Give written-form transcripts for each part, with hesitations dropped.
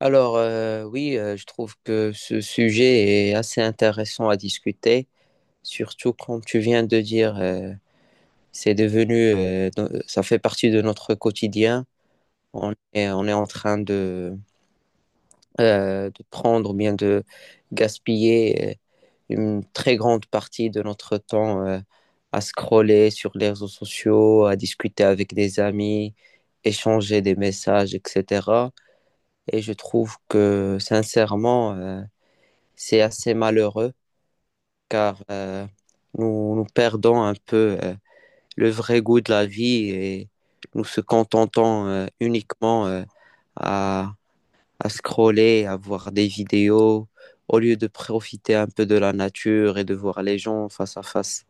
Oui, je trouve que ce sujet est assez intéressant à discuter, surtout comme tu viens de dire, c'est devenu, ça fait partie de notre quotidien. On est en train de prendre ou bien de gaspiller une très grande partie de notre temps à scroller sur les réseaux sociaux, à discuter avec des amis, échanger des messages, etc. Et je trouve que sincèrement, c'est assez malheureux car nous perdons un peu le vrai goût de la vie et nous se contentons uniquement à, à scroller, à voir des vidéos, au lieu de profiter un peu de la nature et de voir les gens face à face.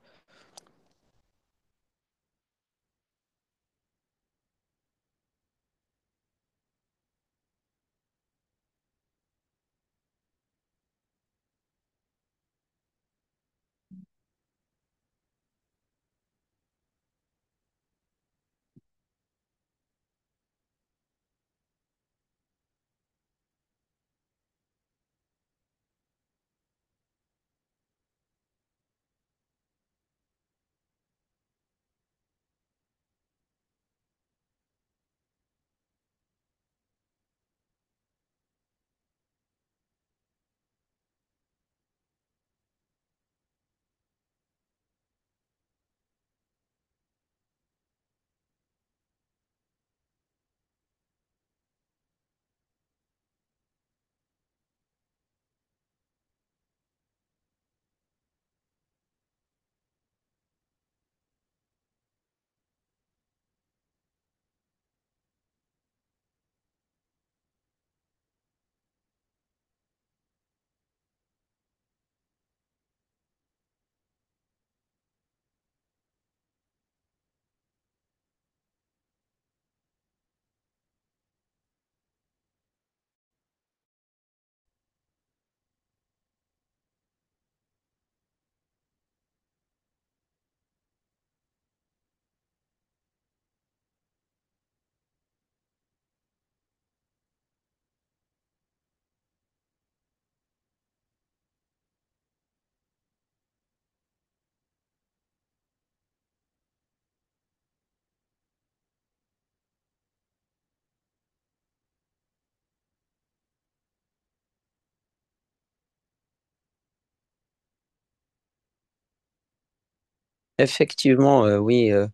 Effectivement, oui,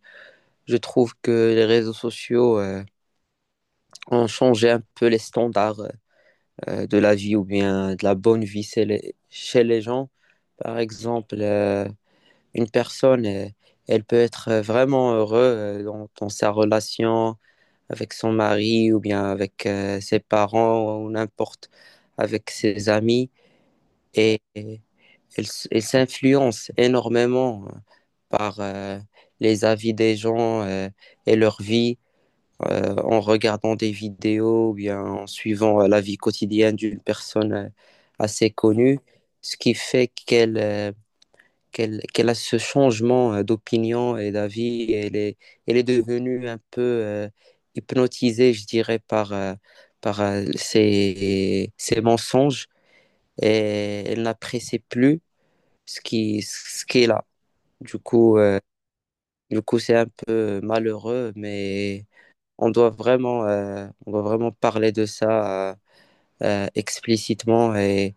je trouve que les réseaux sociaux ont changé un peu les standards de la vie ou bien de la bonne vie chez les gens. Par exemple, une personne, elle peut être vraiment heureuse dans, dans sa relation avec son mari ou bien avec ses parents ou n'importe, avec ses amis. Et elle, elle s'influence énormément par les avis des gens et leur vie en regardant des vidéos ou bien en suivant la vie quotidienne d'une personne assez connue, ce qui fait qu'elle... qu'elle a ce changement d'opinion et d'avis. Elle est, elle est devenue un peu hypnotisée, je dirais, par ses mensonges et elle n'apprécie plus ce qui est là. Du coup, euh, du coup, c'est un peu malheureux, mais on doit vraiment parler de ça explicitement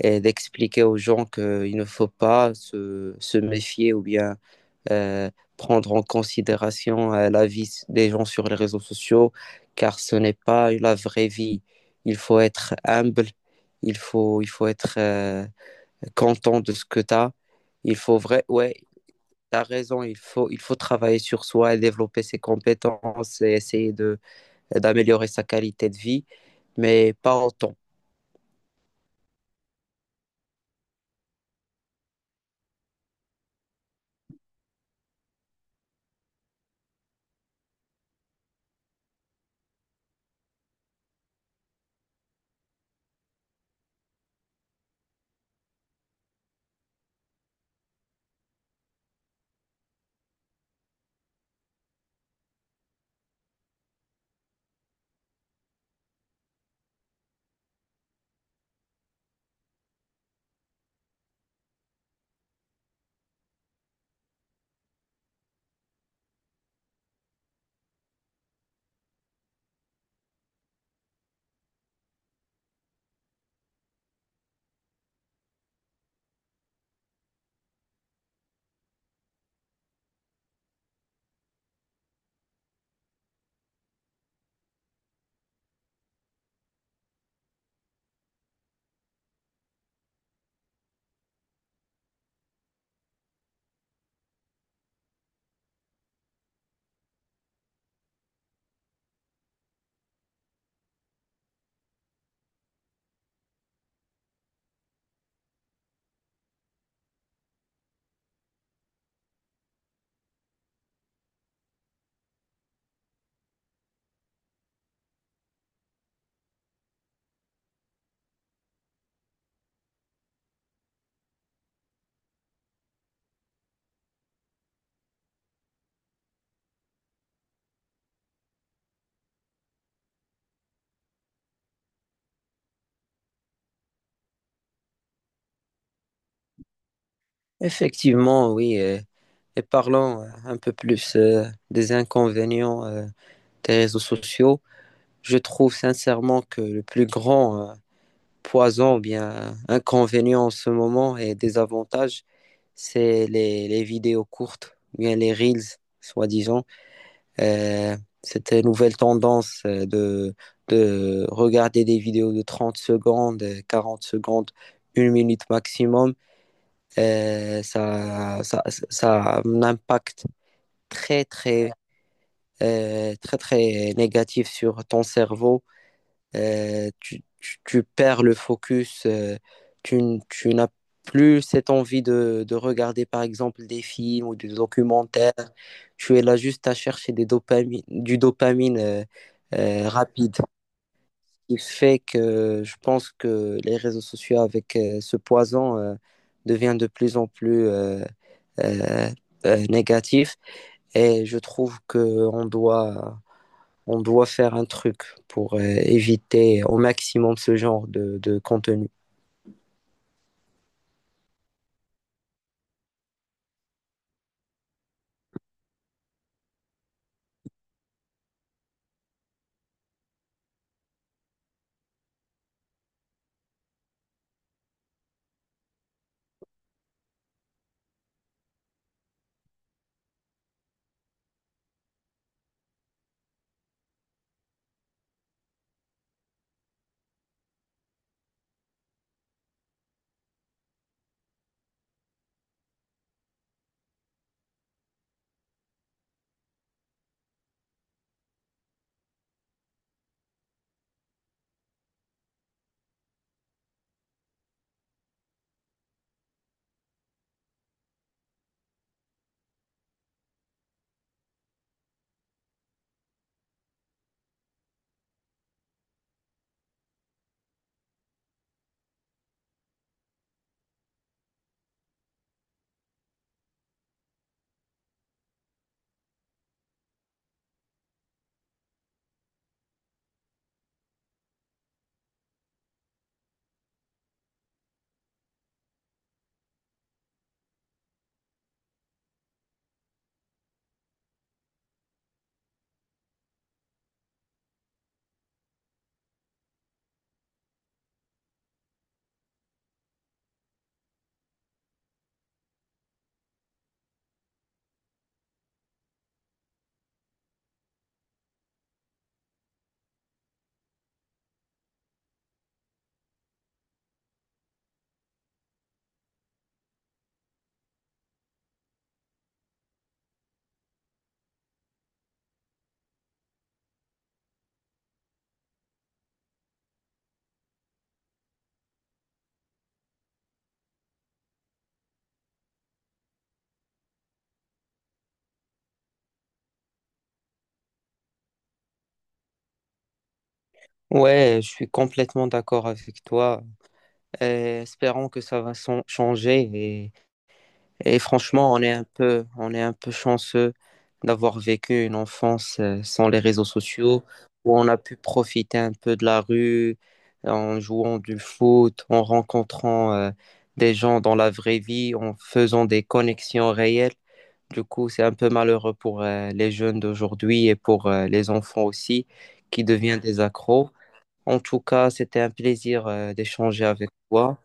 et d'expliquer aux gens qu'il ne faut pas se méfier ou bien euh, prendre en considération la vie des gens sur les réseaux sociaux, car ce n'est pas la vraie vie. Il faut être humble, il faut être content de ce que tu as. Ouais, tu as raison, il faut travailler sur soi et développer ses compétences et essayer d'améliorer sa qualité de vie, mais pas autant. Effectivement, oui. Et parlons un peu plus des inconvénients des réseaux sociaux. Je trouve sincèrement que le plus grand poison ou bien inconvénient en ce moment et désavantage, c'est les vidéos courtes, ou bien les reels, soi-disant. Euh, Cette nouvelle tendance de regarder des vidéos de 30 secondes, 40 secondes, une minute maximum, euh, ça, ça, ça a un impact très, très, très, très négatif sur ton cerveau. Tu perds le focus, tu n'as plus cette envie de regarder par exemple des films ou des documentaires, tu es là juste à chercher du dopamine rapide, ce qui fait que je pense que les réseaux sociaux avec ce poison devient de plus en plus euh, négatif et je trouve qu'on doit on doit faire un truc pour éviter au maximum ce genre de contenu. Ouais, je suis complètement d'accord avec toi. Espérons que ça va changer et franchement, on est un peu chanceux d'avoir vécu une enfance sans les réseaux sociaux, où on a pu profiter un peu de la rue en jouant du foot, en rencontrant des gens dans la vraie vie, en faisant des connexions réelles. Du coup, c'est un peu malheureux pour les jeunes d'aujourd'hui et pour les enfants aussi qui deviennent des accros. En tout cas, c'était un plaisir d'échanger avec toi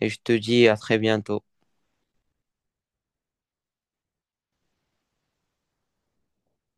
et je te dis à très bientôt.